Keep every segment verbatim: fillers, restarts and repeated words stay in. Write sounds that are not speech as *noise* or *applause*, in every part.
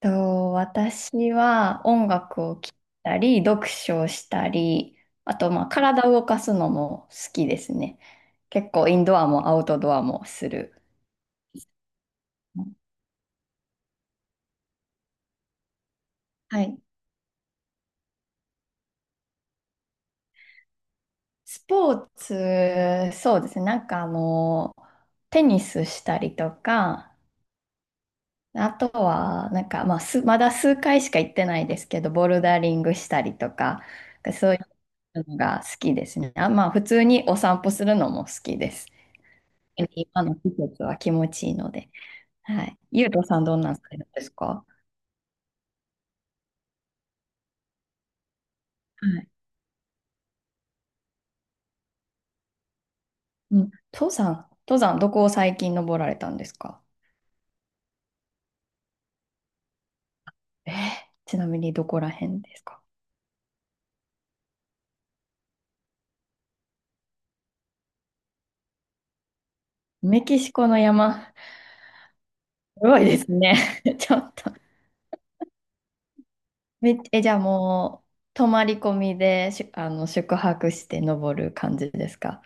と、私は音楽を聴いたり、読書をしたり、あと、まあ、体を動かすのも好きですね。結構、インドアもアウトドアもする。はい。スポーツ、そうですね。なんかあの、テニスしたりとか、あとは、なんか、まあ、す、まだ数回しか行ってないですけど、ボルダリングしたりとか、そういうのが好きですね。あ、まあ、普通にお散歩するのも好きです。今の季節は気持ちいいので。はい。ゆうとさん、どんなんされるんですか？はい。うん。登山、登山、どこを最近登られたんですか？えー、ちなみにどこら辺ですか？メキシコの山、すごいですね。*laughs* ちょっと。め、え、じゃあもう、泊まり込みで、しゅ、あの、宿泊して登る感じですか？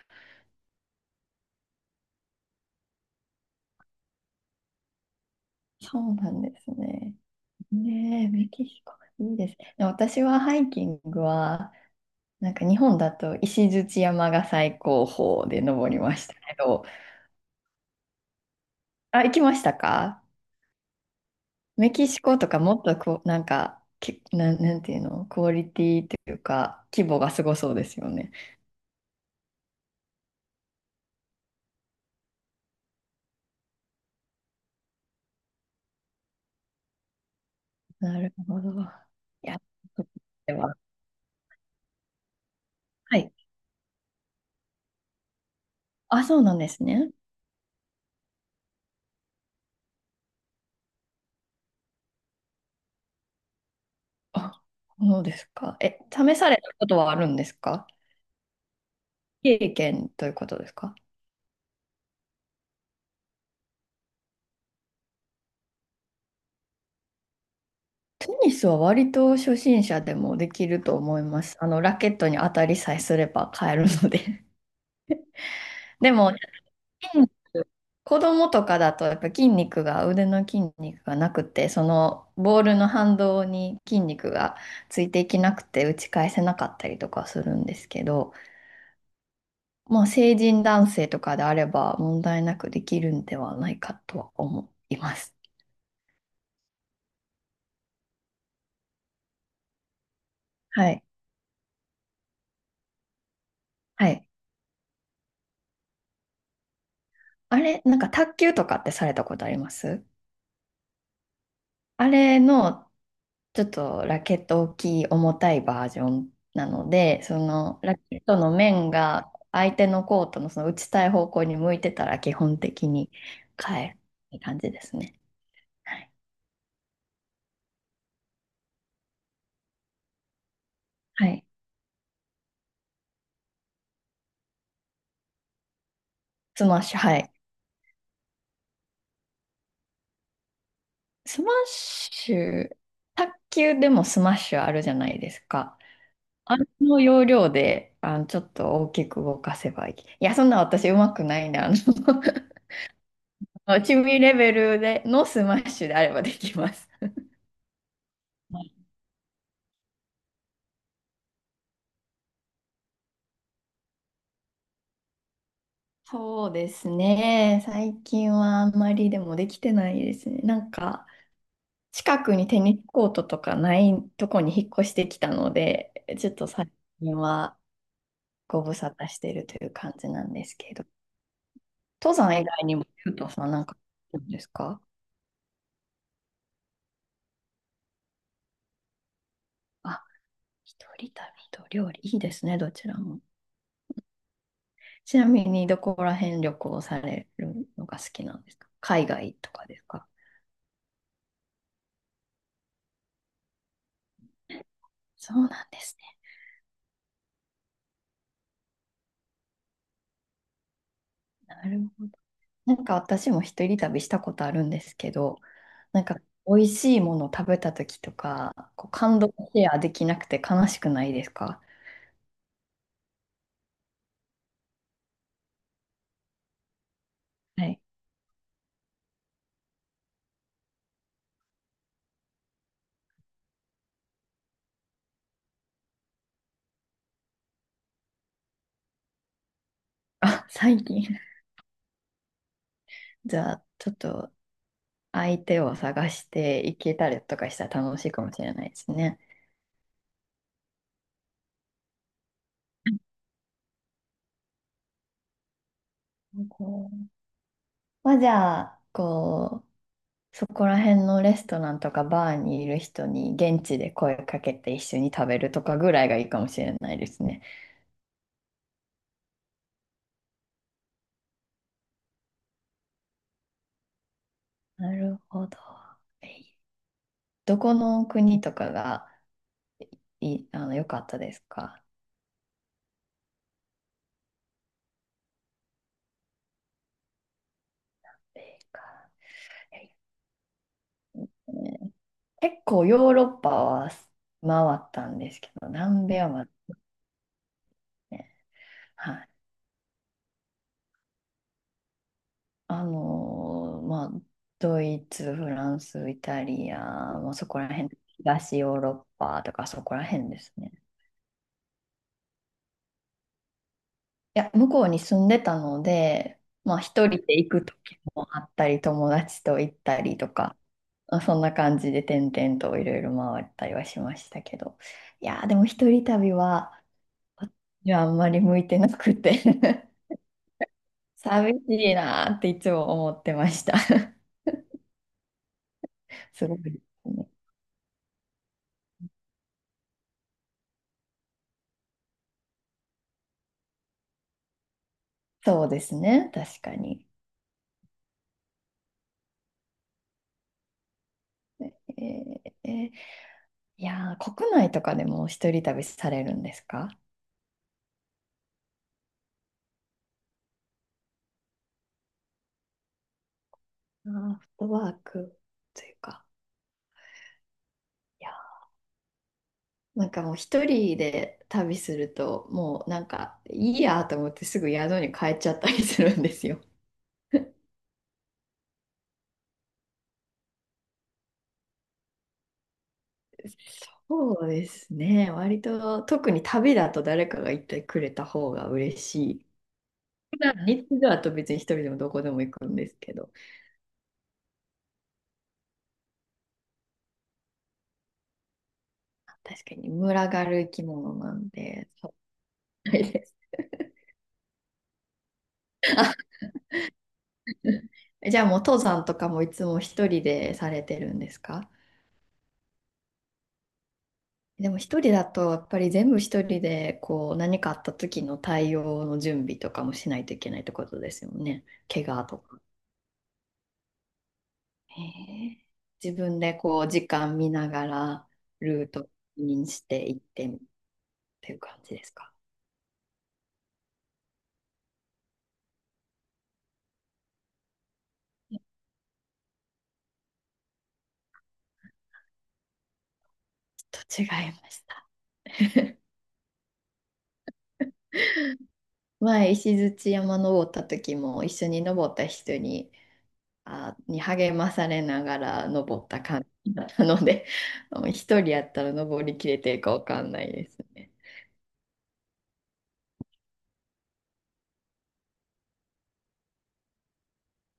そうなんですね。ねえ、メキシコ、いいですね。私はハイキングは、なんか日本だと石鎚山が最高峰で登りましたけど、あ、行きましたか？メキシコとかもっとこう、なんか、け、なん、なんていうの、クオリティというか、規模がすごそうですよね。なるほど。いや、では、はい。あ、そうなんですね。あ、そうですか。え、試されたことはあるんですか？経験ということですか？テニスは割と初心者でもできると思います。あの、ラケットに当たりさえすれば買えるので。でも、筋肉子供とかだと、やっぱ筋肉が、腕の筋肉がなくて、そのボールの反動に筋肉がついていけなくて、打ち返せなかったりとかするんですけど、もう成人男性とかであれば問題なくできるんではないかとは思います。はい。はい。あれ、なんか卓球とかってされたことあります？あれのちょっとラケット大きい重たいバージョンなので、そのラケットの面が相手のコートのその打ちたい方向に向いてたら基本的に変えるって感じですね。はい。はい。スマッシュ、はい。スマッシュ、卓球でもスマッシュあるじゃないですか。あの要領で、あの、ちょっと大きく動かせばいい。いや、そんな私うまくないな。あの *laughs* 趣味レベルでのスマッシュであればできます。そうですね。最近はあんまりでもできてないですね。なんか、近くにテニスコートとかないとこに引っ越してきたので、ちょっと最近はご無沙汰してるという感じなんですけど、登山以外にも、ゆうとさんなんか、どうですか？あ、一人旅と料理、いいですね、どちらも。ちなみに、どこら辺旅行されるのが好きなんですか？海外とかですか？そうなんですね。なるほど。なんか私も一人旅したことあるんですけど、なんか美味しいもの食べた時とか、こう感動シェアできなくて悲しくないですか？はい。あ、最近。*laughs* じゃあ、ちょっと相手を探していけたりとかしたら楽しいかもしれないですね。こうまあ、じゃあ、こう、そこら辺のレストランとかバーにいる人に現地で声かけて一緒に食べるとかぐらいがいいかもしれないですね。なるほど。え、どこの国とかがいい、あの、良かったですか？えーかね、結構ヨーロッパは回ったんですけど、南米はまだね、はい。あのーまあ、ドイツ、フランス、イタリア、まあ、そこら辺、東ヨーロッパとかそこら辺ですね。いや、向こうに住んでたので、まあ一人で行く時もあったり、友達と行ったりとか、まあ、そんな感じで点々といろいろ回ったりはしましたけど、いやー、でも一人旅は、私にはあんまり向いてなくて *laughs* 寂しいなーっていつも思ってました *laughs* すごいですね。そうですね、確かに。えーえー、いやー、国内とかでも一人旅されるんですか？あー、フットワークというか。なんかもう一人で旅すると、もうなんかいいやと思ってすぐ宿に帰っちゃったりするんですよ。そうですね。割と特に旅だと誰かが行ってくれた方が嬉しい。普段日中だと別に一人でもどこでも行くんですけど、確かに群がる生き物なんで、そうないです。*laughs* じゃあもう登山とかもいつも一人でされてるんですか？でも一人だとやっぱり全部一人でこう何かあった時の対応の準備とかもしないといけないってことですよね。怪我とか。へえ、自分でこう時間見ながらルートにしていってっていう感じですか。*laughs* ちょっと違いました。前石鎚山登った時も一緒に登った人に、あ、に励まされながら登った感じだったので、*laughs* 一人やったら登りきれてるかわかんないですね。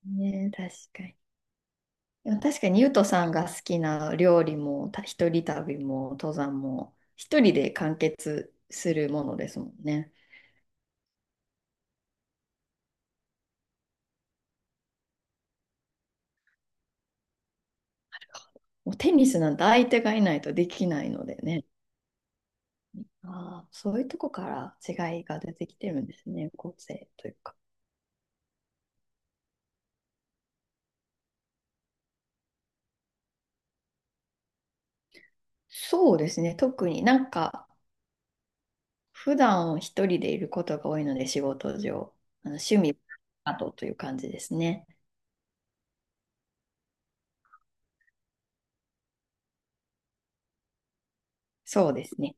ねえ、確かに。でも確かにゆうとさんが好きな料理も、た一人旅も登山も、一人で完結するものですもんね。もうテニスなんて相手がいないとできないのでね。ああ、そういうとこから違いが出てきてるんですね、個性というか。そうですね、特になんか、普段一人でいることが多いので、仕事上、あの趣味などという感じですね。そうですね。